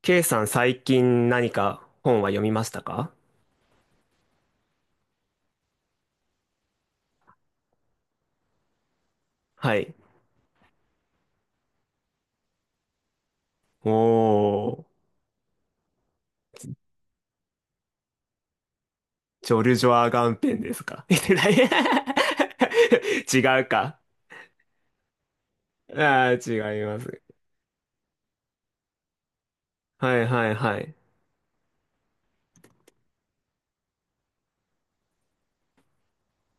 K さん、最近何か本は読みましたか？はい。おー、ジョルジョア・ガンペンですか？ 違うか。ああ、違います。はいはいはい。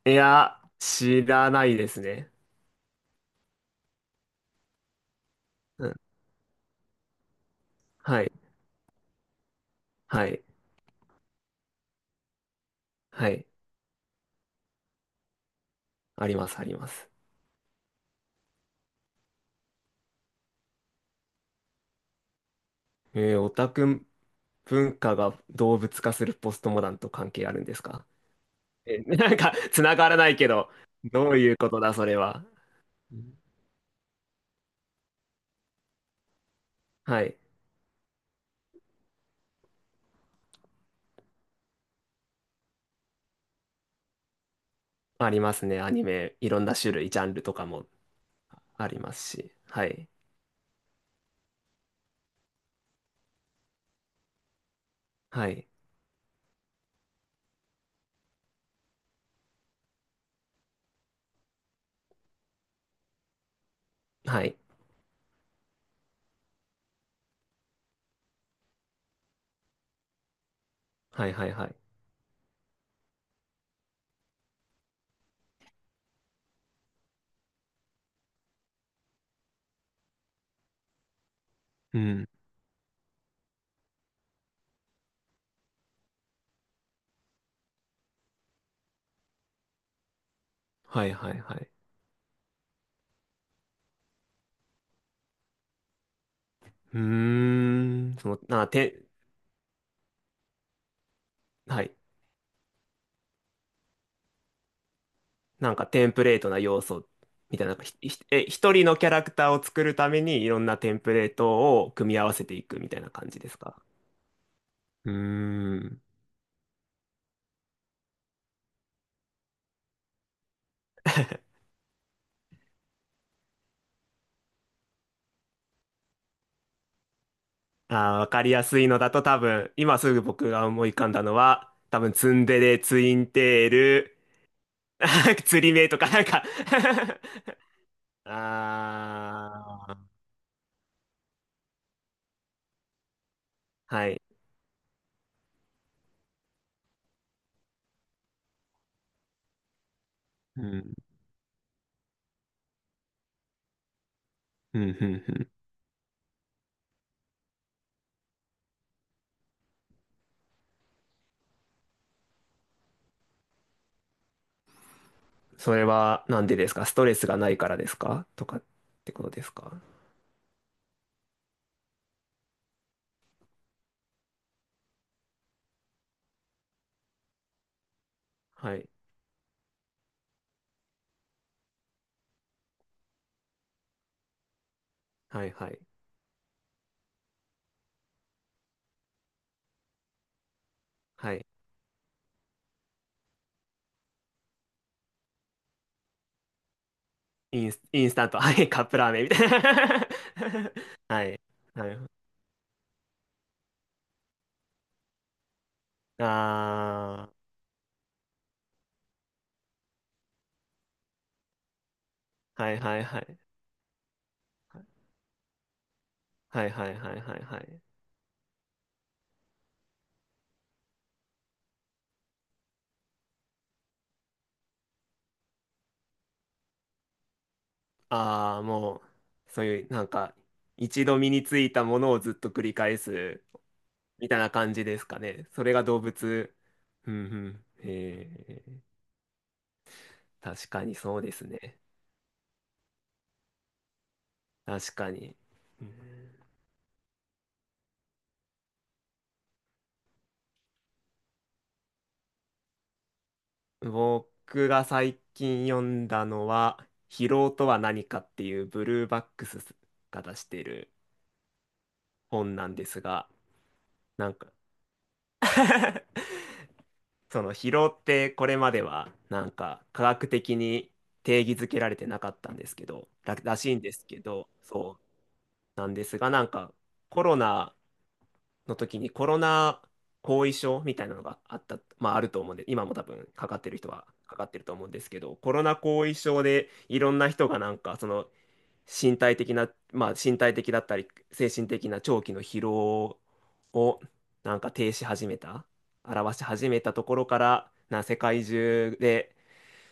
いや、知らないですね。うん。はい、はい、はい。あります、あります。オタク文化が動物化するポストモダンと関係あるんですか？え、なんか、つながらないけど、どういうことだ、それは。うん。はい。ありますね。アニメ、いろんな種類、ジャンルとかもありますし。はい。はい。はい。はい、はい、はい。うん。はい、はい、はい。うーん。はい。なんかテンプレートな要素みたいな、なんかひ、ひえ、一人のキャラクターを作るためにいろんなテンプレートを組み合わせていくみたいな感じですか？うーん。あー、わかりやすいのだと多分、今すぐ僕が思い浮かんだのは、多分ツンデレ、ツインテール、釣り目とかなんか。ああ、はい。うん、うん、うん、うん。それはなんでですか？ストレスがないからですかとかってことですか？はい、はい、はい、はい。インスタント、はい、カップラーメンみたいな。 はい、はい。ああ、はい、はい、はい。はい、はい、はい、はい、はい。ああ、もう、そういう、なんか、一度身についたものをずっと繰り返すみたいな感じですかね。それが動物。うん、うん。へえ。確かにそうですね。確かに。うん。僕が最近読んだのは「疲労とは何か」っていうブルーバックスが出してる本なんですが、なんか、 その疲労ってこれまではなんか科学的に定義づけられてなかったんですけどらしいんですけど、そうなんですが、なんかコロナの時にコロナ後遺症みたいなのがあった、まああると思うんで、今も多分かかってる人はかかってると思うんですけど、コロナ後遺症でいろんな人がなんかその身体的な、まあ身体的だったり精神的な長期の疲労を、なんか停止始めた、表し始めたところから、世界中で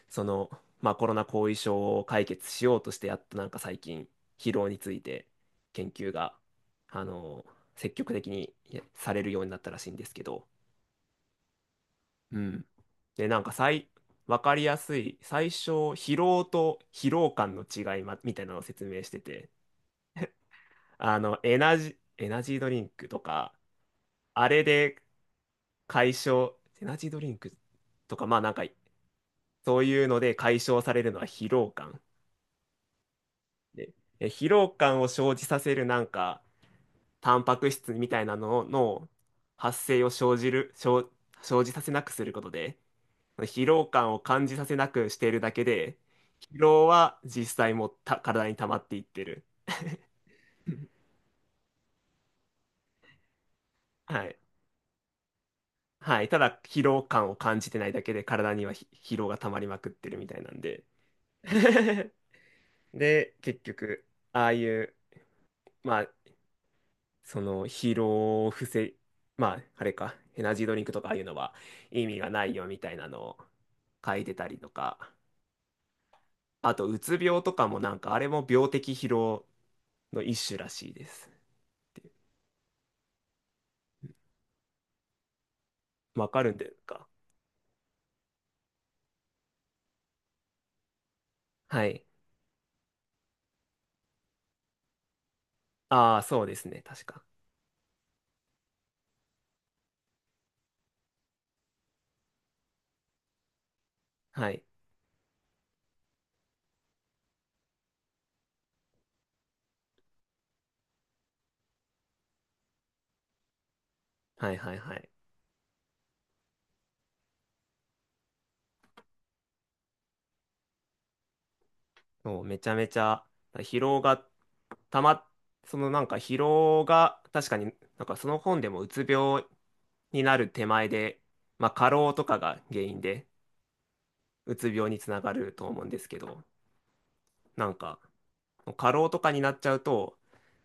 その、まあ、コロナ後遺症を解決しようとして、やっとなんか最近、疲労について研究があの積極的にやされるようになったらしいんですけど、うん、で、なんか分かりやすい最初、疲労と疲労感の違い、ま、みたいなのを説明してて、エナジードリンクとか、あれで解消、エナジードリンクとか、まあなんかそういうので解消されるのは疲労感で、疲労感を生じさせるなんか、タンパク質みたいなのの発生を生じさせなくすることで、疲労感を感じさせなくしているだけで、疲労は実際体に溜まっていってる。はい。はい。ただ、疲労感を感じてないだけで、体には疲労が溜まりまくってるみたいなんで。で、結局、ああいう、まあ、その疲労を防い、まあ、あれか、エナジードリンクとかああいうのは意味がないよみたいなのを書いてたりとか、あと、うつ病とかもなんか、あれも病的疲労の一種らしいですっていう。わかるんですか？はい。ああ、そうですね、確か。はい。はいはいはい。もうめちゃめちゃ疲労がたま、そのなんか疲労が、確かになんかその本でも、うつ病になる手前で、まあ過労とかが原因で、うつ病につながると思うんですけど、なんか、過労とかになっちゃうと、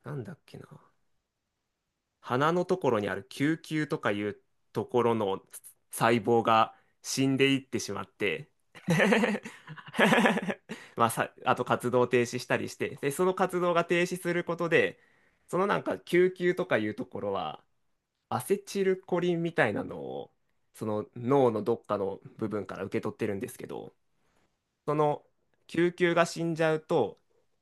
なんだっけな、鼻のところにある球球とかいうところの細胞が死んでいってしまって、まあ、あと活動を停止したりして、で、その活動が停止することで、そのなんか救急とかいうところは、アセチルコリンみたいなのを、その脳のどっかの部分から受け取ってるんですけど、その救急が死んじゃうと、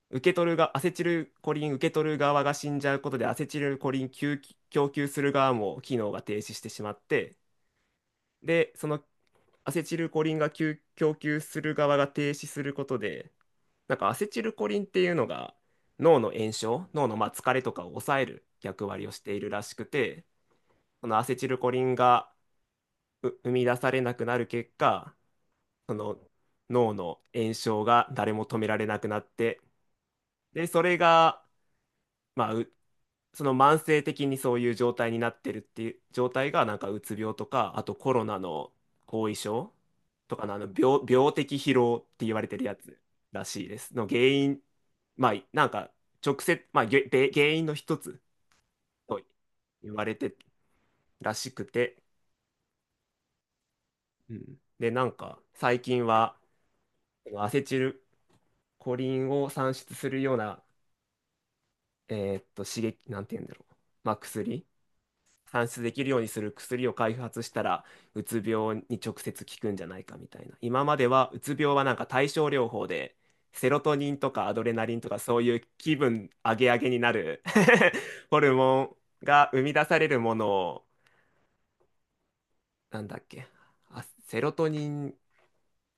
受け取るがアセチルコリン受け取る側が死んじゃうことで、アセチルコリン供給する側も機能が停止してしまって、で、そのアセチルコリンが供給する側が停止することで、なんかアセチルコリンっていうのが、脳の炎症、脳の、まあ疲れとかを抑える役割をしているらしくて、そのアセチルコリンが生み出されなくなる結果、その脳の炎症が誰も止められなくなって、で、それが、まあ、その慢性的にそういう状態になってるっていう状態が、なんかうつ病とか、あとコロナの後遺症とかの、あの病的疲労って言われてるやつらしいです。の原因、まあ、なんか直接、まあ、原因の一つと言われてらしくて、うん、で、なんか最近は、そのアセチルコリンを産出するような、刺激、なんて言うんだろう、まあ、薬、算出できるようにする薬を開発したら、うつ病に直接効くんじゃないかみたいな。今までは、うつ病はなんか対症療法で、セロトニンとかアドレナリンとかそういう気分上げ上げになる ホルモンが生み出されるものを、なんだっけ、あ、セロトニン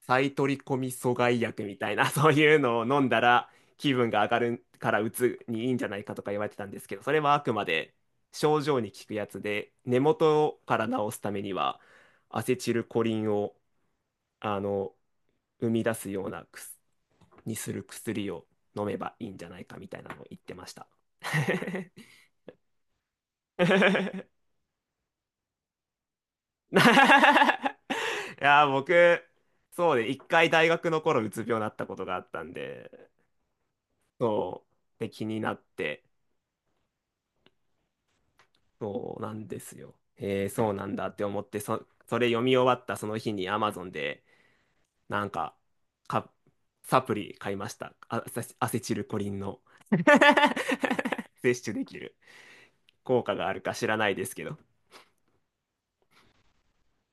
再取り込み阻害薬みたいな、そういうのを飲んだら気分が上がるからうつにいいんじゃないかとか言われてたんですけど、それはあくまで症状に効くやつで、根元から治すためにはアセチルコリンをあの生み出すような薬にする薬を飲めばいいんじゃないかみたいなのを言ってました。いやー、僕、そうで、一回大学の頃、うつ病になったことがあったんで、そう。で、気になって、そうなんですよ。そうなんだって思って、それ読み終わったその日に Amazon で、なんか、か、サプリ買いました。あ、アセチルコリンの 摂取できる効果があるか知らないですけど。